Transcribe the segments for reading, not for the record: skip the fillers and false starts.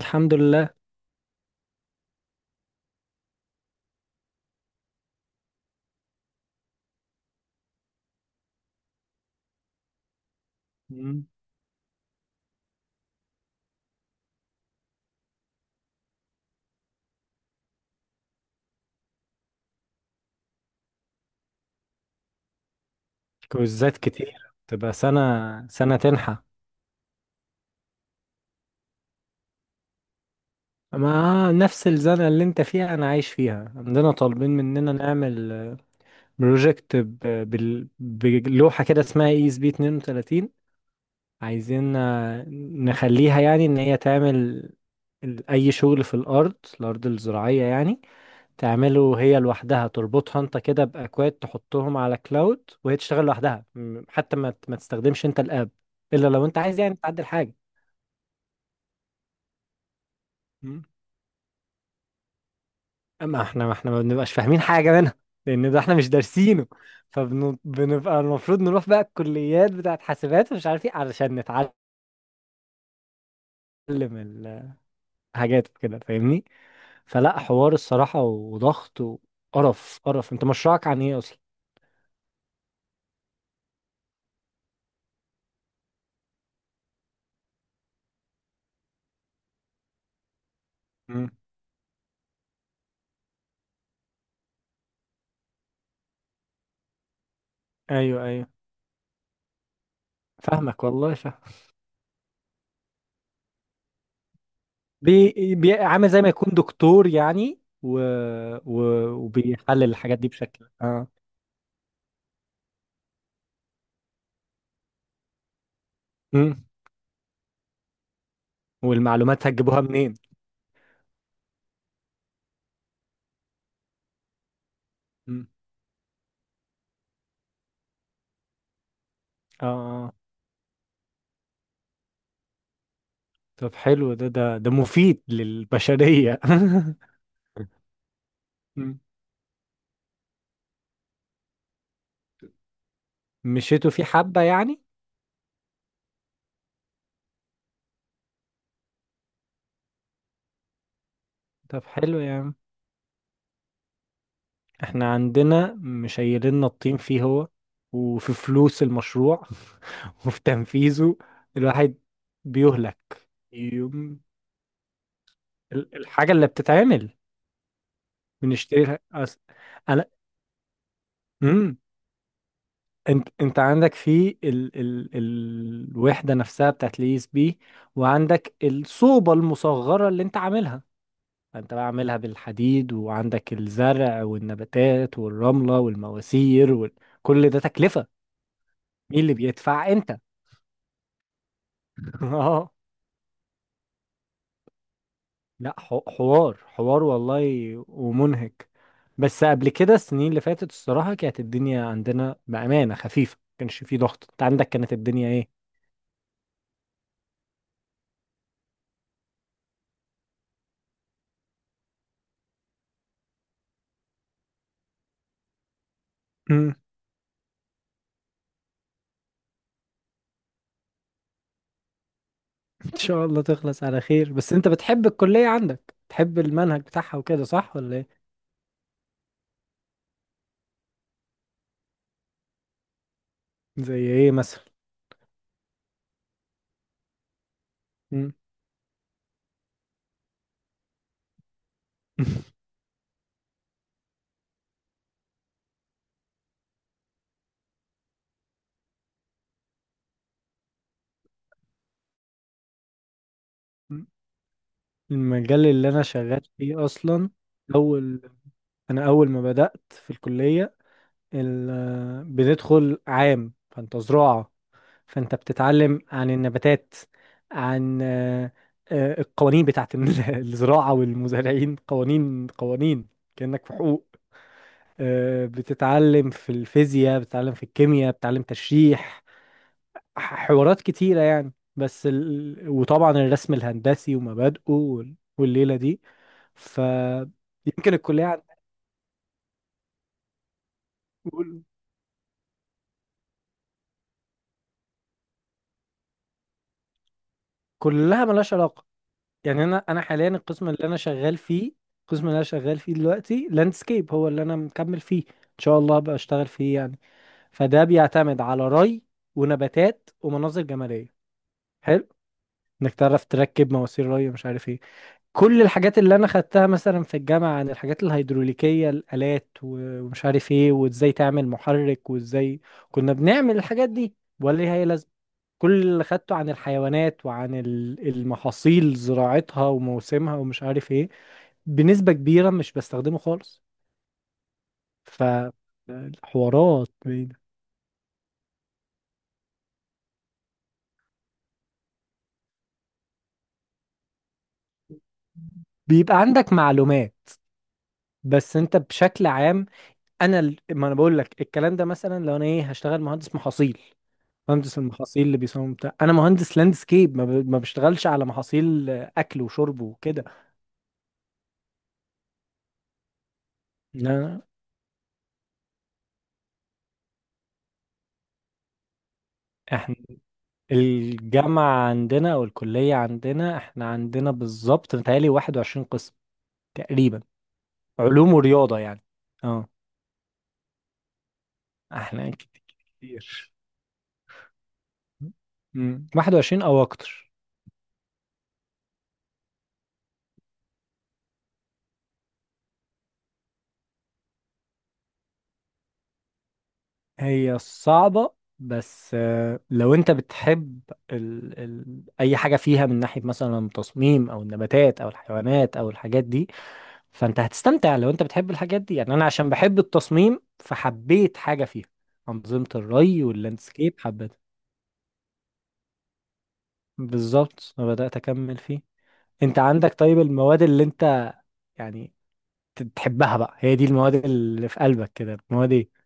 الحمد لله. مم. كويزات كتير تبقى سنة تنحى. ما نفس الزنقة اللي انت فيها انا عايش فيها. عندنا طالبين مننا نعمل بروجكت بلوحة كده اسمها اي اس بي 32، عايزين نخليها يعني ان هي تعمل اي شغل في الارض الزراعية يعني. تعمله هي لوحدها، تربطها انت كده باكواد تحطهم على كلاود وهي تشتغل لوحدها، حتى ما ما تستخدمش انت الاب الا لو انت عايز يعني تعدل حاجة. مم. اما احنا، ما احنا ما بنبقاش فاهمين حاجه منها لان ده احنا مش دارسينه، فبنبقى المفروض نروح بقى الكليات بتاعت حاسبات ومش عارف ايه علشان نتعلم الحاجات وكده، فاهمني؟ فلا، حوار الصراحه وضغط وقرف. قرف انت مشروعك عن ايه اصلا؟ مم. ايوه ايوه، فاهمك والله فاهم. عامل زي ما يكون دكتور يعني، و... وبيحلل الحاجات دي بشكل اه. مم. والمعلومات هتجيبوها منين؟ مم. اه آه. طب حلو، ده مفيد للبشرية مم. مشيتوا فيه حبة يعني؟ طب حلو يعني، احنا عندنا مشيلنا الطين فيه هو، وفي فلوس المشروع وفي تنفيذه، الواحد بيهلك يوم. الحاجة اللي بتتعمل بنشتريها أنا. مم. انت عندك في الوحدة نفسها بتاعت اليو اس بي، وعندك الصوبة المصغرة اللي انت عاملها، فانت بقى عاملها بالحديد وعندك الزرع والنباتات والرملة والمواسير وكل ده تكلفة. مين اللي بيدفع انت؟ اه لا، حوار حوار والله، ومنهك. بس قبل كده السنين اللي فاتت الصراحة كانت الدنيا عندنا بأمانة خفيفة، ما كانش في ضغط. انت عندك كانت الدنيا ايه؟ مم. ان شاء الله تخلص على خير. بس انت بتحب الكلية عندك، بتحب المنهج بتاعها وكده صح ولا ايه؟ زي ايه مثلا؟ مم. المجال اللي انا شغال فيه اصلا، اول، انا اول ما بدأت في الكلية ال... بندخل عام، فانت زراعة، فانت بتتعلم عن النباتات، عن القوانين بتاعت الزراعة والمزارعين، قوانين قوانين كأنك في حقوق. بتتعلم في الفيزياء، بتتعلم في الكيمياء، بتتعلم تشريح، حوارات كتيرة يعني. بس وطبعا الرسم الهندسي ومبادئه والليلة دي، فيمكن الكلية عندنا كلها ملهاش علاقة، يعني أنا حاليا القسم اللي أنا شغال فيه، القسم اللي أنا شغال فيه دلوقتي لاندسكيب، هو اللي أنا مكمل فيه إن شاء الله أبقى أشتغل فيه يعني. فده بيعتمد على ري ونباتات ومناظر جمالية حلو، انك تعرف تركب مواسير ري ومش عارف ايه. كل الحاجات اللي انا خدتها مثلا في الجامعة عن الحاجات الهيدروليكية، الآلات ومش عارف ايه، وازاي تعمل محرك وازاي كنا بنعمل الحاجات دي، ولا ليها اي لازمة؟ كل اللي خدته عن الحيوانات وعن المحاصيل، زراعتها وموسمها ومش عارف ايه، بنسبة كبيرة مش بستخدمه خالص. فالحوارات بعيدة. بيبقى عندك معلومات بس انت بشكل عام. انا ما انا بقول لك الكلام ده، مثلا لو انا ايه، هشتغل مهندس محاصيل، مهندس المحاصيل اللي بيصمم بتاع. انا مهندس لاندسكيب، ما بشتغلش على محاصيل اكل وشرب وكده. لا، الجامعة عندنا أو الكلية عندنا، احنا عندنا بالظبط متهيألي واحد وعشرين قسم تقريبا، علوم ورياضة يعني. اه احنا كتير. مم. واحد وعشرين أو أكتر. هي صعبة بس، لو أنت بتحب أي حاجة فيها من ناحية مثلا تصميم أو النباتات أو الحيوانات أو الحاجات دي، فأنت هتستمتع. لو أنت بتحب الحاجات دي يعني، أنا عشان بحب التصميم فحبيت حاجة فيها أنظمة الري واللاندسكيب. بالظبط، أنا بدأت أكمل فيه. أنت عندك طيب المواد اللي أنت يعني تحبها بقى، هي دي المواد اللي في قلبك كده، المواد إيه؟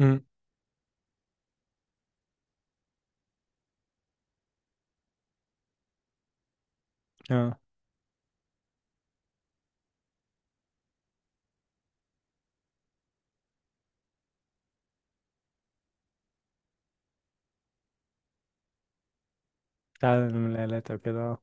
امم. أه. تعلم من الآلات أو كده أه.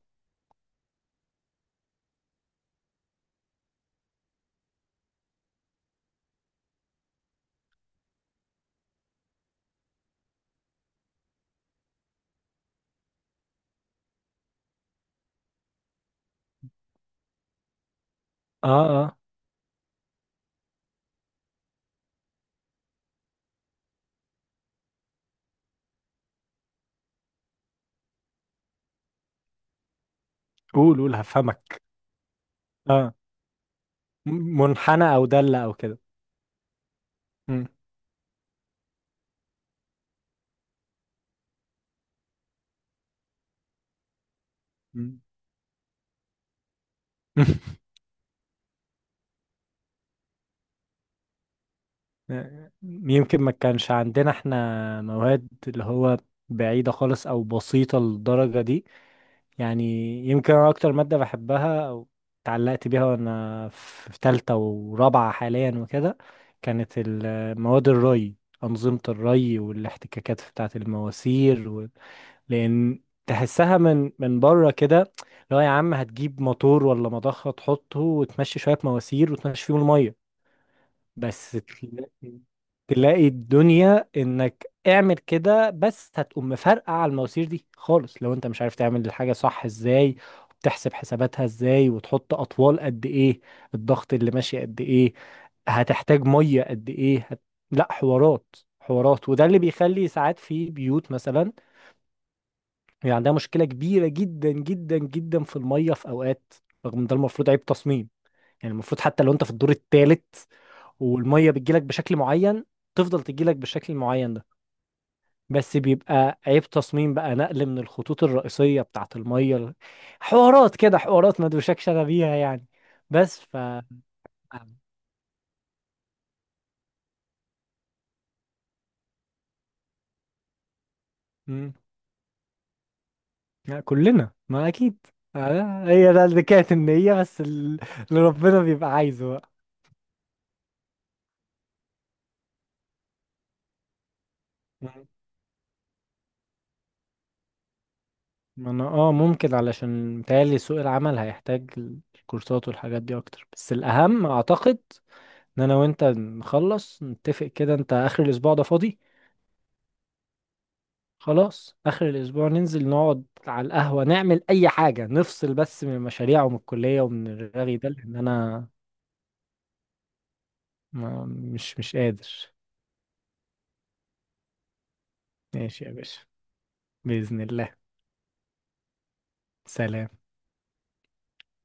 أه أه. قول قول هفهمك. أه. م- منحنى أو دالة أو كده. مم. مم. يمكن ما كانش عندنا إحنا مواد اللي هو بعيدة خالص أو بسيطة للدرجة دي يعني. يمكن انا اكتر ماده بحبها او اتعلقت بيها وانا في في تالتة ورابعه حاليا وكده، كانت مواد الري، انظمه الري والاحتكاكات بتاعه المواسير و... لان تحسها من بره كده، لو يا عم هتجيب موتور ولا مضخه تحطه وتمشي شويه مواسير وتمشي فيهم الميه. بس تلاقي الدنيا انك اعمل كده، بس هتقوم مفرقع على المواسير دي خالص لو انت مش عارف تعمل الحاجة صح ازاي، وبتحسب حساباتها ازاي، وتحط اطوال قد ايه، الضغط اللي ماشي قد ايه، هتحتاج مية قد ايه، لا، حوارات حوارات. وده اللي بيخلي ساعات في بيوت مثلا يعني عندها مشكلة كبيرة جدا جدا جدا في المية في اوقات، رغم ان ده المفروض عيب تصميم. يعني المفروض حتى لو انت في الدور الثالث والميه بتجيلك بشكل معين، تفضل تجيلك بالشكل المعين ده، بس بيبقى عيب تصميم بقى، نقل من الخطوط الرئيسية بتاعت الميه حوارات كده، حوارات ما دوشكش انا بيها يعني. بس ف. مم. لا، كلنا، ما اكيد. هي ده اللي كانت النية بس اللي ربنا بيبقى عايزه بقى. مم. ما انا اه ممكن، علشان متهيألي سوق العمل هيحتاج الكورسات والحاجات دي اكتر. بس الاهم اعتقد ان انا وانت نخلص نتفق كده. انت اخر الاسبوع ده فاضي؟ خلاص آخر الأسبوع ننزل نقعد على القهوة نعمل أي حاجة، نفصل بس من المشاريع ومن الكلية ومن الرغي ده، لأن أنا ما، مش قادر. ماشي يا باشا، بإذن الله. سلام.